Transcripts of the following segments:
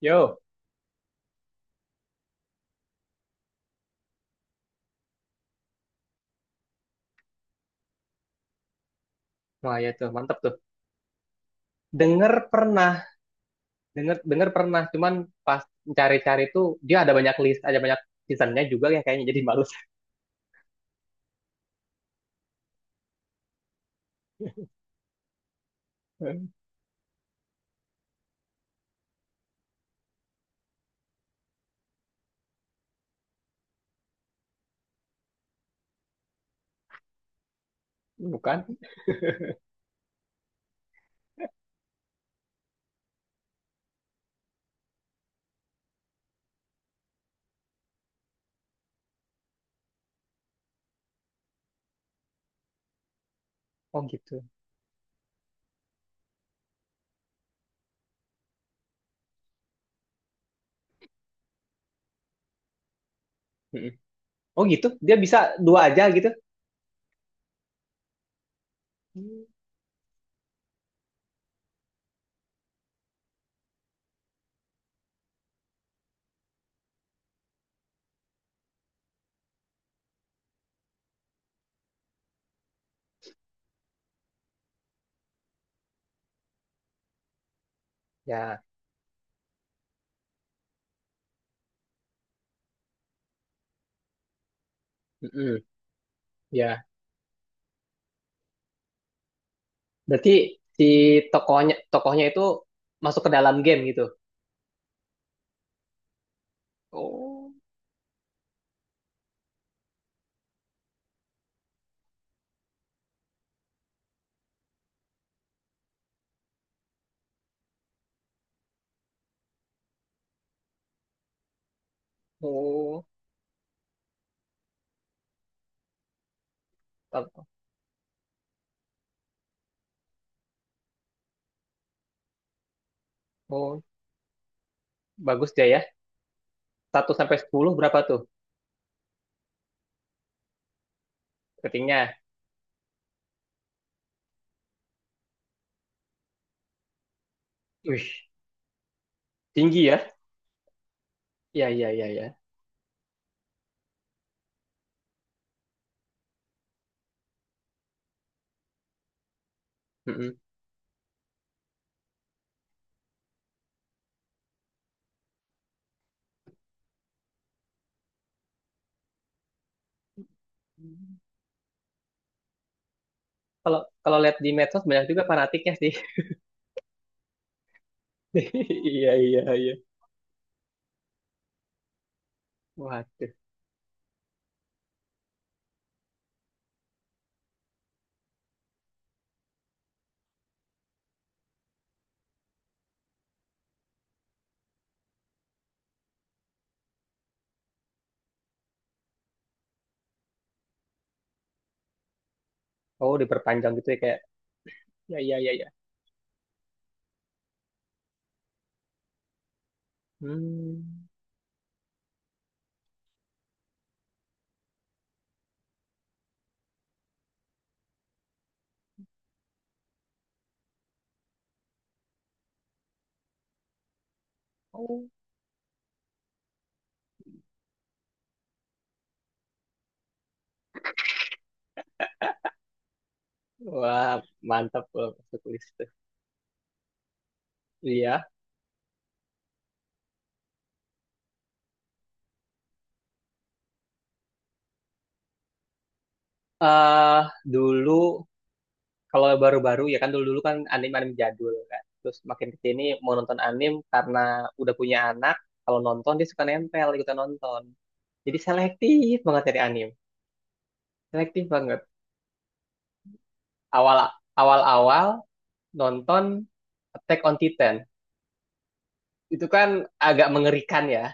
Yo, wah ya tuh mantep tuh. Dengar pernah, dengar dengar pernah. Cuman pas cari-cari tuh dia ada banyak list, ada banyak seasonnya juga yang kayaknya jadi malu. Bukan? Oh gitu. Mm-mm. Oh gitu, dia bisa dua aja gitu. Hmm. Ya, mm-mm. Ya. Berarti si tokohnya tokohnya itu masuk ke dalam game gitu. Oh, oh, Tat- oh, bagus dia ya. Satu sampai 10 berapa tuh ratingnya? Wih, tinggi ya. Iya, iya, iya, ya. Kalau kalau lihat di medsos banyak juga fanatiknya sih. Iya, iya, iya. Waduh. Oh, diperpanjang gitu ya kayak. Ya, iya, iya, iya. Hmm. Oh. Wah, mantap loh masuk list tuh. Iya. Eh dulu kalau baru-baru ya kan dulu-dulu kan anime-anime jadul kan. Terus makin ke sini mau nonton anime karena udah punya anak. Kalau nonton dia suka nempel ikutan nonton. Jadi selektif banget dari anime. Selektif banget. Awal awal-awal nonton Attack on Titan. Itu kan agak mengerikan ya.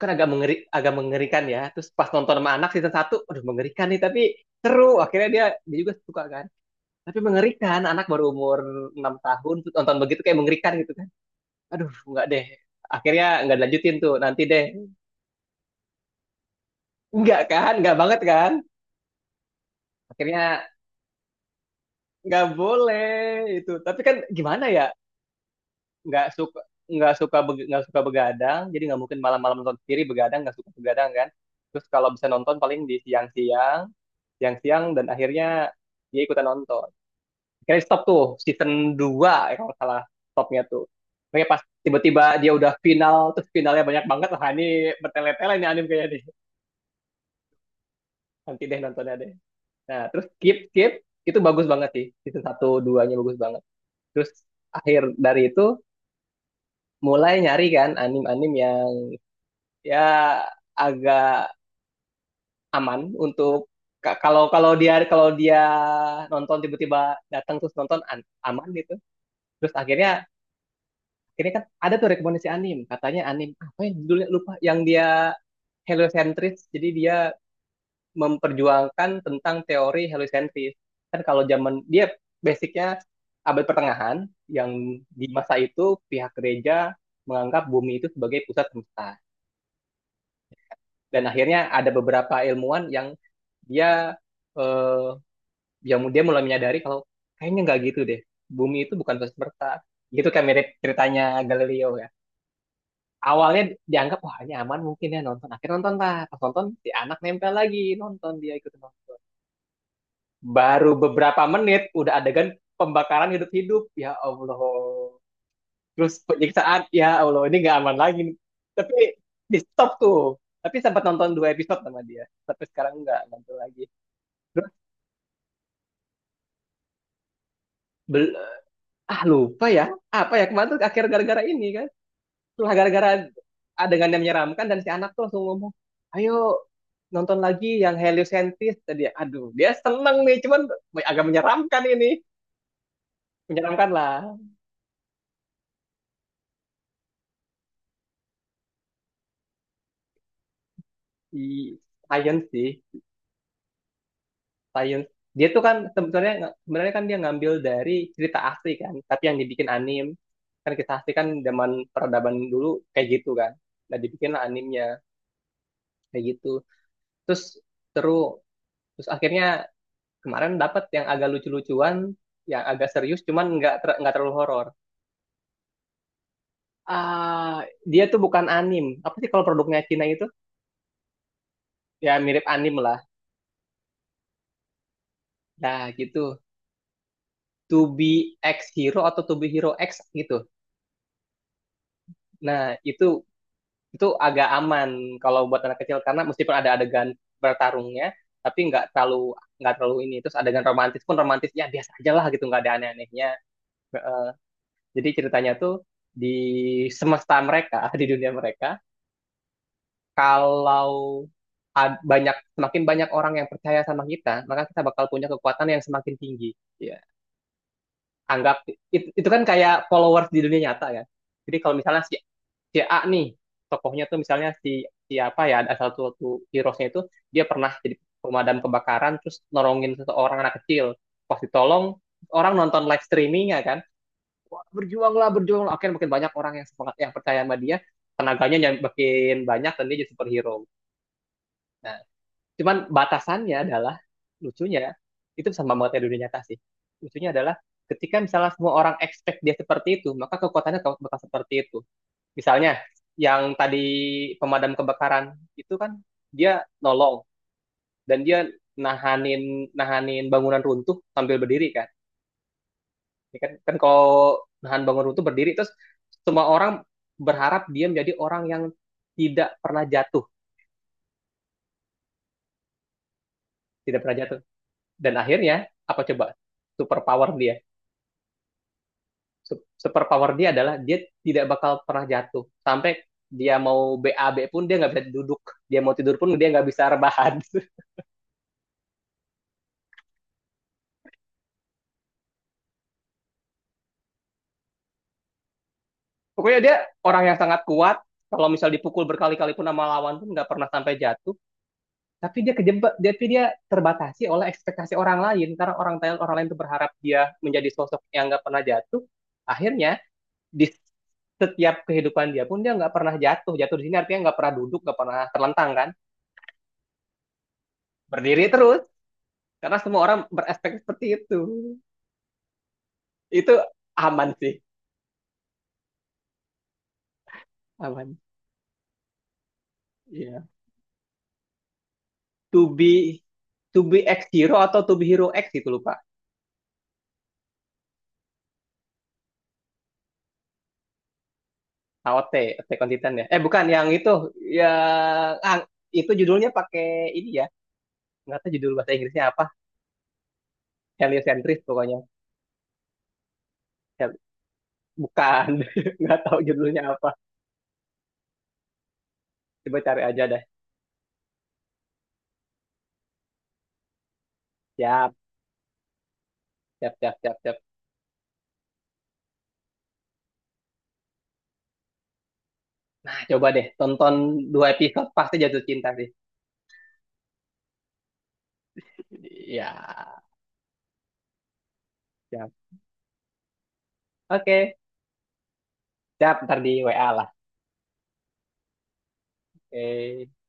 Kan agak mengeri, agak mengerikan ya. Terus pas nonton sama anak season satu, aduh mengerikan nih tapi seru. Akhirnya dia dia juga suka kan. Tapi mengerikan, anak baru umur 6 tahun terus nonton begitu kayak mengerikan gitu kan. Aduh, enggak deh. Akhirnya nggak dilanjutin tuh, nanti deh. Enggak kan, enggak banget kan. Akhirnya nggak boleh itu. Tapi kan gimana ya? Nggak suka nggak suka beg- nggak suka begadang jadi nggak mungkin malam-malam nonton sendiri begadang nggak suka begadang kan, terus kalau bisa nonton paling di siang-siang dan akhirnya dia ikutan nonton. Akhirnya stop tuh season 2, ya kalau nggak salah stopnya tuh. Oke pas tiba-tiba dia udah final terus finalnya banyak banget, wah ini bertele-tele nih anime kayaknya nih. Nanti deh nontonnya deh. Nah, terus skip skip itu bagus banget sih. Season satu dua nya bagus banget. Terus akhir dari itu mulai nyari kan anim-anim yang ya agak aman untuk kalau kalau dia nonton tiba-tiba datang terus nonton aman gitu, terus akhirnya ini kan ada tuh rekomendasi anime, katanya anime apa ya judulnya lupa, yang dia heliocentris, jadi dia memperjuangkan tentang teori heliocentris kan. Kalau zaman dia basicnya abad pertengahan, yang di masa itu pihak gereja menganggap bumi itu sebagai pusat semesta, dan akhirnya ada beberapa ilmuwan yang dia eh, yang dia mulai menyadari kalau kayaknya nggak gitu deh, bumi itu bukan pusat semesta, gitu kan, mirip ceritanya Galileo ya. Awalnya dianggap wah ini aman mungkin ya nonton, akhirnya nonton lah, pas nonton si anak nempel lagi nonton, dia ikut nonton baru beberapa menit udah adegan pembakaran hidup-hidup ya Allah, terus penyiksaan ya Allah, ini nggak aman lagi nih. Tapi di stop tuh, tapi sempat nonton dua episode sama dia, tapi sekarang nggak nonton lagi. Terus bel- ah lupa ya, apa ya kemarin tuh akhir gara-gara ini kan. Cuma gara-gara adegan yang menyeramkan, dan si anak tuh langsung ngomong, ayo nonton lagi yang heliosentris tadi. Aduh, dia seneng nih, cuman agak menyeramkan ini. Menyeramkan lah. Di science sih, science. Dia tuh kan sebenarnya, sebenarnya kan dia ngambil dari cerita asli kan, tapi yang dibikin anim. Kan kisah asli kan zaman peradaban dulu kayak gitu kan. Nah, dibikin animnya kayak gitu. Terus seru. Terus akhirnya kemarin dapat yang agak lucu-lucuan, yang agak serius, cuman nggak ter- nggak terlalu horor. Ah, dia tuh bukan anim. Apa sih kalau produknya Cina itu? Ya mirip anim lah. Nah gitu. To be X Hero atau To be Hero X gitu. Nah itu agak aman kalau buat anak kecil karena meskipun ada adegan bertarungnya, tapi nggak terlalu, nggak terlalu ini. Terus adegan romantis pun romantis ya biasa aja lah gitu, nggak ada aneh-anehnya. Eh, jadi ceritanya tuh di semesta mereka, di dunia mereka, kalau ad- banyak, semakin banyak orang yang percaya sama kita, maka kita bakal punya kekuatan yang semakin tinggi. Ya. Anggap it- itu, kan kayak followers di dunia nyata kan. Jadi kalau misalnya si, si A nih tokohnya tuh misalnya si siapa ya, ada satu satu heroesnya itu dia pernah jadi pemadam kebakaran terus nolongin seseorang anak kecil. Pas ditolong orang nonton live streamingnya kan. Wah, berjuanglah, berjuanglah. Akhirnya makin banyak orang yang semangat, yang percaya sama dia, tenaganya yang makin banyak dan dia jadi superhero. Nah, cuman batasannya adalah lucunya itu sama banget ya dunia nyata sih. Lucunya adalah ketika misalnya semua orang expect dia seperti itu, maka kekuatannya bakal bakal seperti itu. Misalnya yang tadi pemadam kebakaran itu kan dia nolong dan dia nahanin nahanin bangunan runtuh sambil berdiri kan. Ya kan, kan kalau nahan bangunan runtuh berdiri terus, semua orang berharap dia menjadi orang yang tidak pernah jatuh, tidak pernah jatuh. Dan akhirnya apa coba? Superpower dia, su- super power dia adalah dia tidak bakal pernah jatuh, sampai dia mau BAB pun dia nggak bisa duduk, dia mau tidur pun dia nggak bisa rebahan. Pokoknya dia orang yang sangat kuat, kalau misal dipukul berkali-kali pun sama lawan pun nggak pernah sampai jatuh, tapi dia kejebak, tapi dia terbatasi oleh ekspektasi orang lain, karena orang lain tuh berharap dia menjadi sosok yang nggak pernah jatuh. Akhirnya di setiap kehidupan dia pun dia nggak pernah jatuh, jatuh di sini artinya nggak pernah duduk, nggak pernah terlentang kan, berdiri terus. Karena semua orang berespek seperti itu. Itu aman sih, aman. Iya. To be to be X Hero atau to be Hero X itu lupa. AOT, Attack on Titan ya. Eh bukan yang itu, yang ah, itu judulnya pakai ini ya. Nggak tahu judul bahasa Inggrisnya apa. Heliocentris pokoknya. Hel- bukan, nggak tahu judulnya apa. Coba cari aja dah. Siap, siap, siap, siap, siap. Nah, coba deh, tonton dua episode pasti jatuh cinta sih. Ya. Siap. Oke, siap ntar di WA lah. Oke.